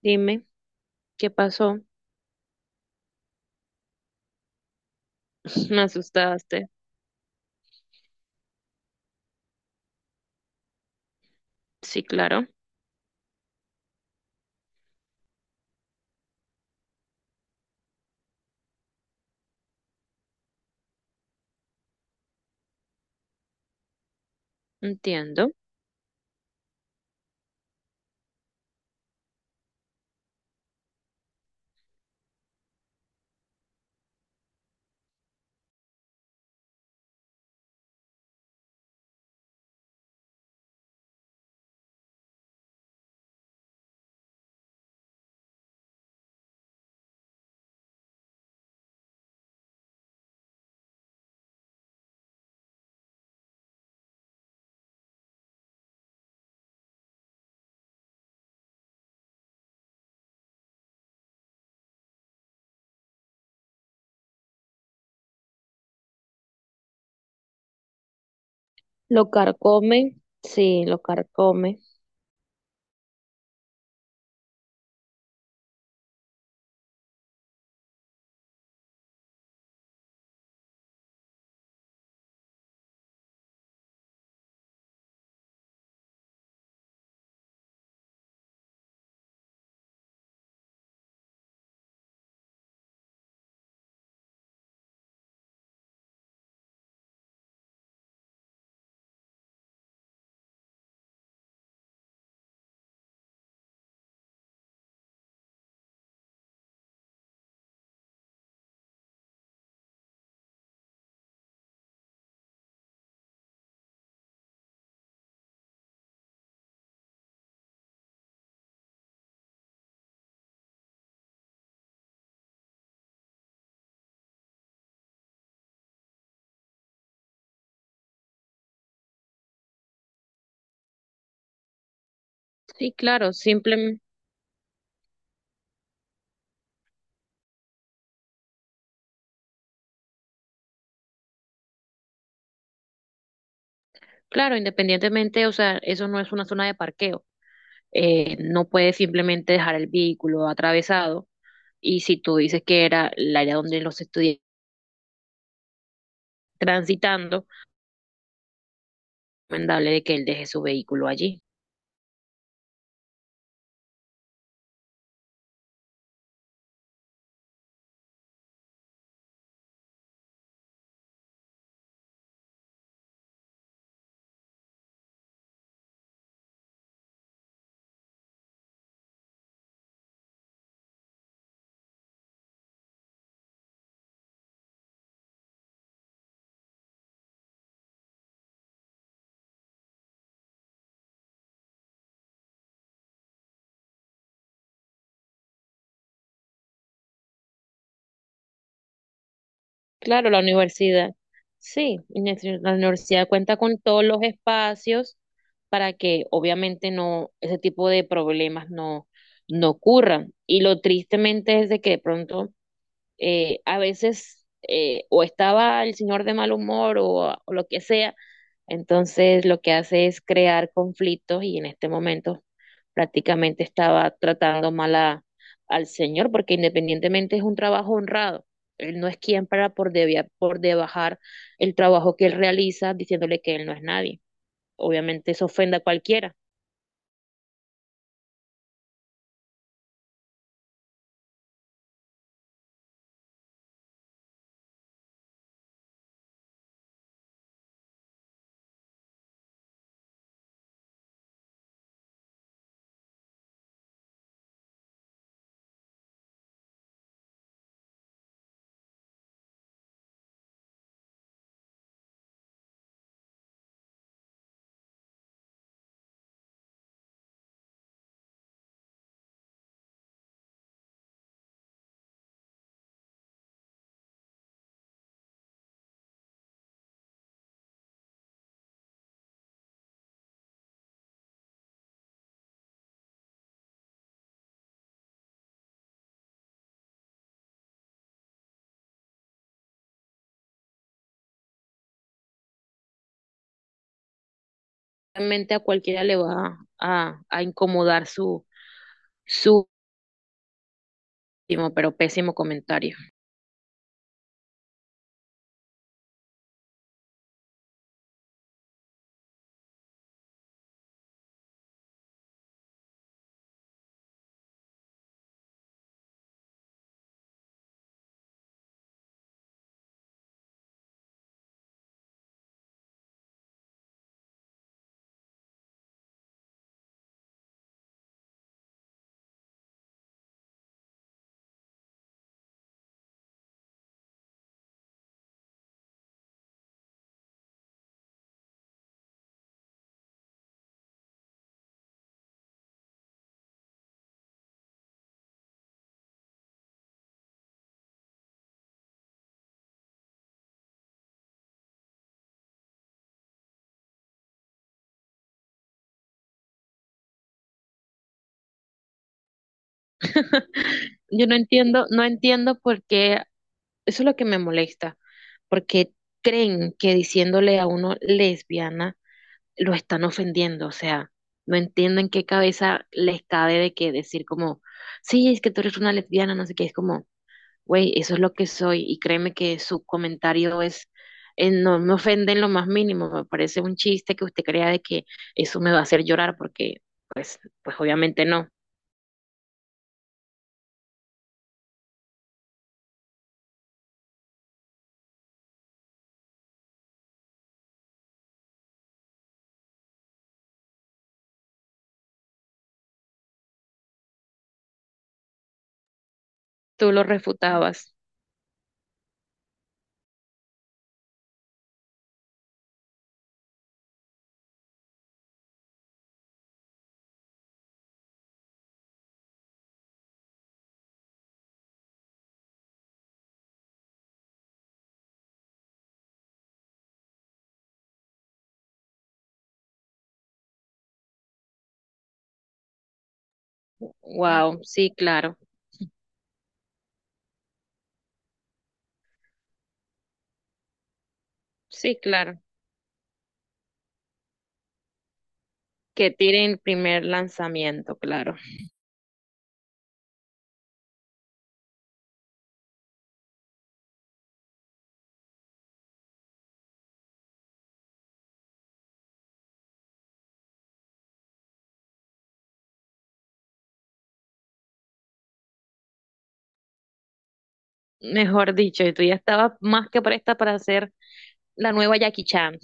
Dime, ¿qué pasó? Me asustaste. Sí, claro, entiendo. Lo carcome, sí, lo carcome. Sí, claro, simplemente, claro, independientemente, o sea, eso no es una zona de parqueo. No puedes simplemente dejar el vehículo atravesado. Y si tú dices que era el área donde los estudiantes transitando, recomendable de que él deje su vehículo allí. Claro, la universidad. Sí, y la universidad cuenta con todos los espacios para que obviamente no, ese tipo de problemas no, no ocurran. Y lo tristemente es de que de pronto a veces o estaba el señor de mal humor o lo que sea, entonces lo que hace es crear conflictos y en este momento prácticamente estaba tratando mal a- al señor porque independientemente es un trabajo honrado. Él no es quien para por, debia- por debajar el trabajo que él realiza diciéndole que él no es nadie. Obviamente eso ofende a cualquiera. Realmente a cualquiera le va a incomodar su, su último pero pésimo comentario. Yo no entiendo, no entiendo por qué, eso es lo que me molesta, porque creen que diciéndole a uno lesbiana lo están ofendiendo, o sea, no entiendo en qué cabeza les cabe de que decir como, sí, es que tú eres una lesbiana, no sé qué, es como, güey, eso es lo que soy y créeme que su comentario es, no me ofende en lo más mínimo, me parece un chiste que usted crea de que eso me va a hacer llorar porque, pues, pues obviamente no, tú lo refutabas. Wow, sí, claro, sí, claro. Que tiren el primer lanzamiento, claro. Mejor dicho, y tú ya estabas más que presta para hacer la nueva Jackie Chan.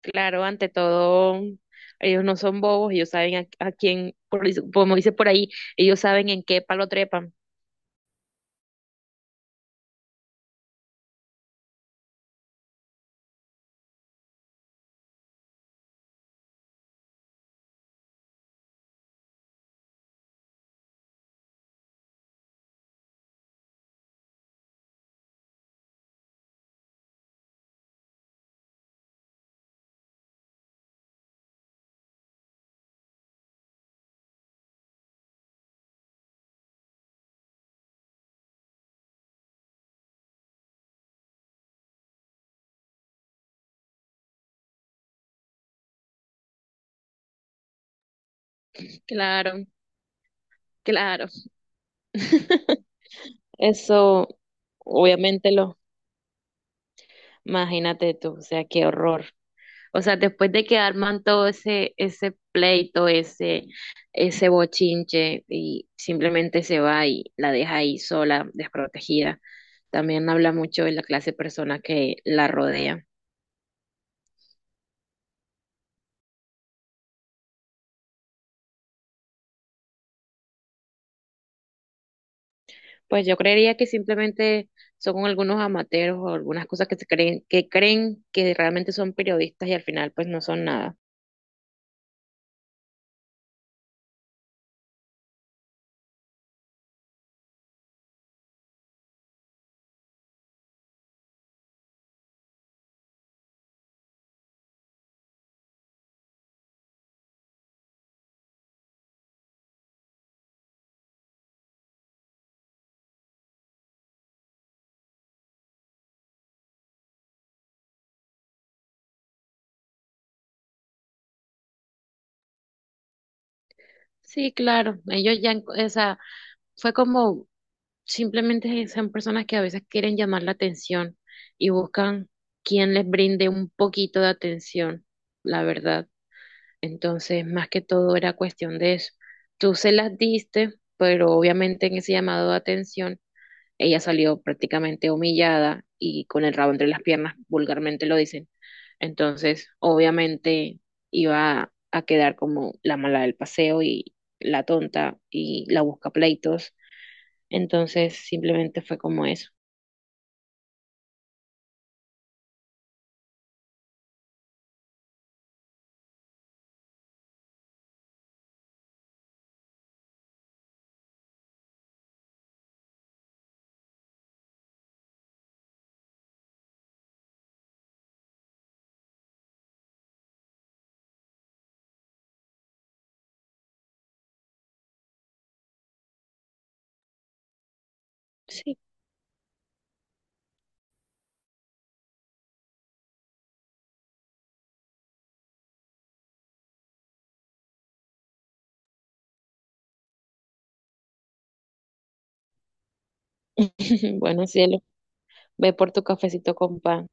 Claro, ante todo, ellos no son bobos, ellos saben a quién, por- como dice por ahí, ellos saben en qué palo trepan. Claro, claro. Eso, obviamente lo, imagínate tú, o sea, qué horror. O sea, después de que arman todo ese, ese pleito, ese bochinche, y simplemente se va y la deja ahí sola, desprotegida. También habla mucho de la clase de persona que la rodea. Pues yo creería que simplemente son algunos amateros o algunas cosas que se creen que realmente son periodistas y al final pues no son nada. Sí, claro, ellos ya, en- o sea, fue como. Simplemente son personas que a veces quieren llamar la atención y buscan quien les brinde un poquito de atención, la verdad. Entonces, más que todo era cuestión de eso. Tú se las diste, pero obviamente en ese llamado de atención, ella salió prácticamente humillada y con el rabo entre las piernas, vulgarmente lo dicen. Entonces, obviamente iba a quedar como la mala del paseo y la tonta y la busca pleitos, entonces simplemente fue como eso. Sí, bueno, cielo, ve por tu cafecito con pan.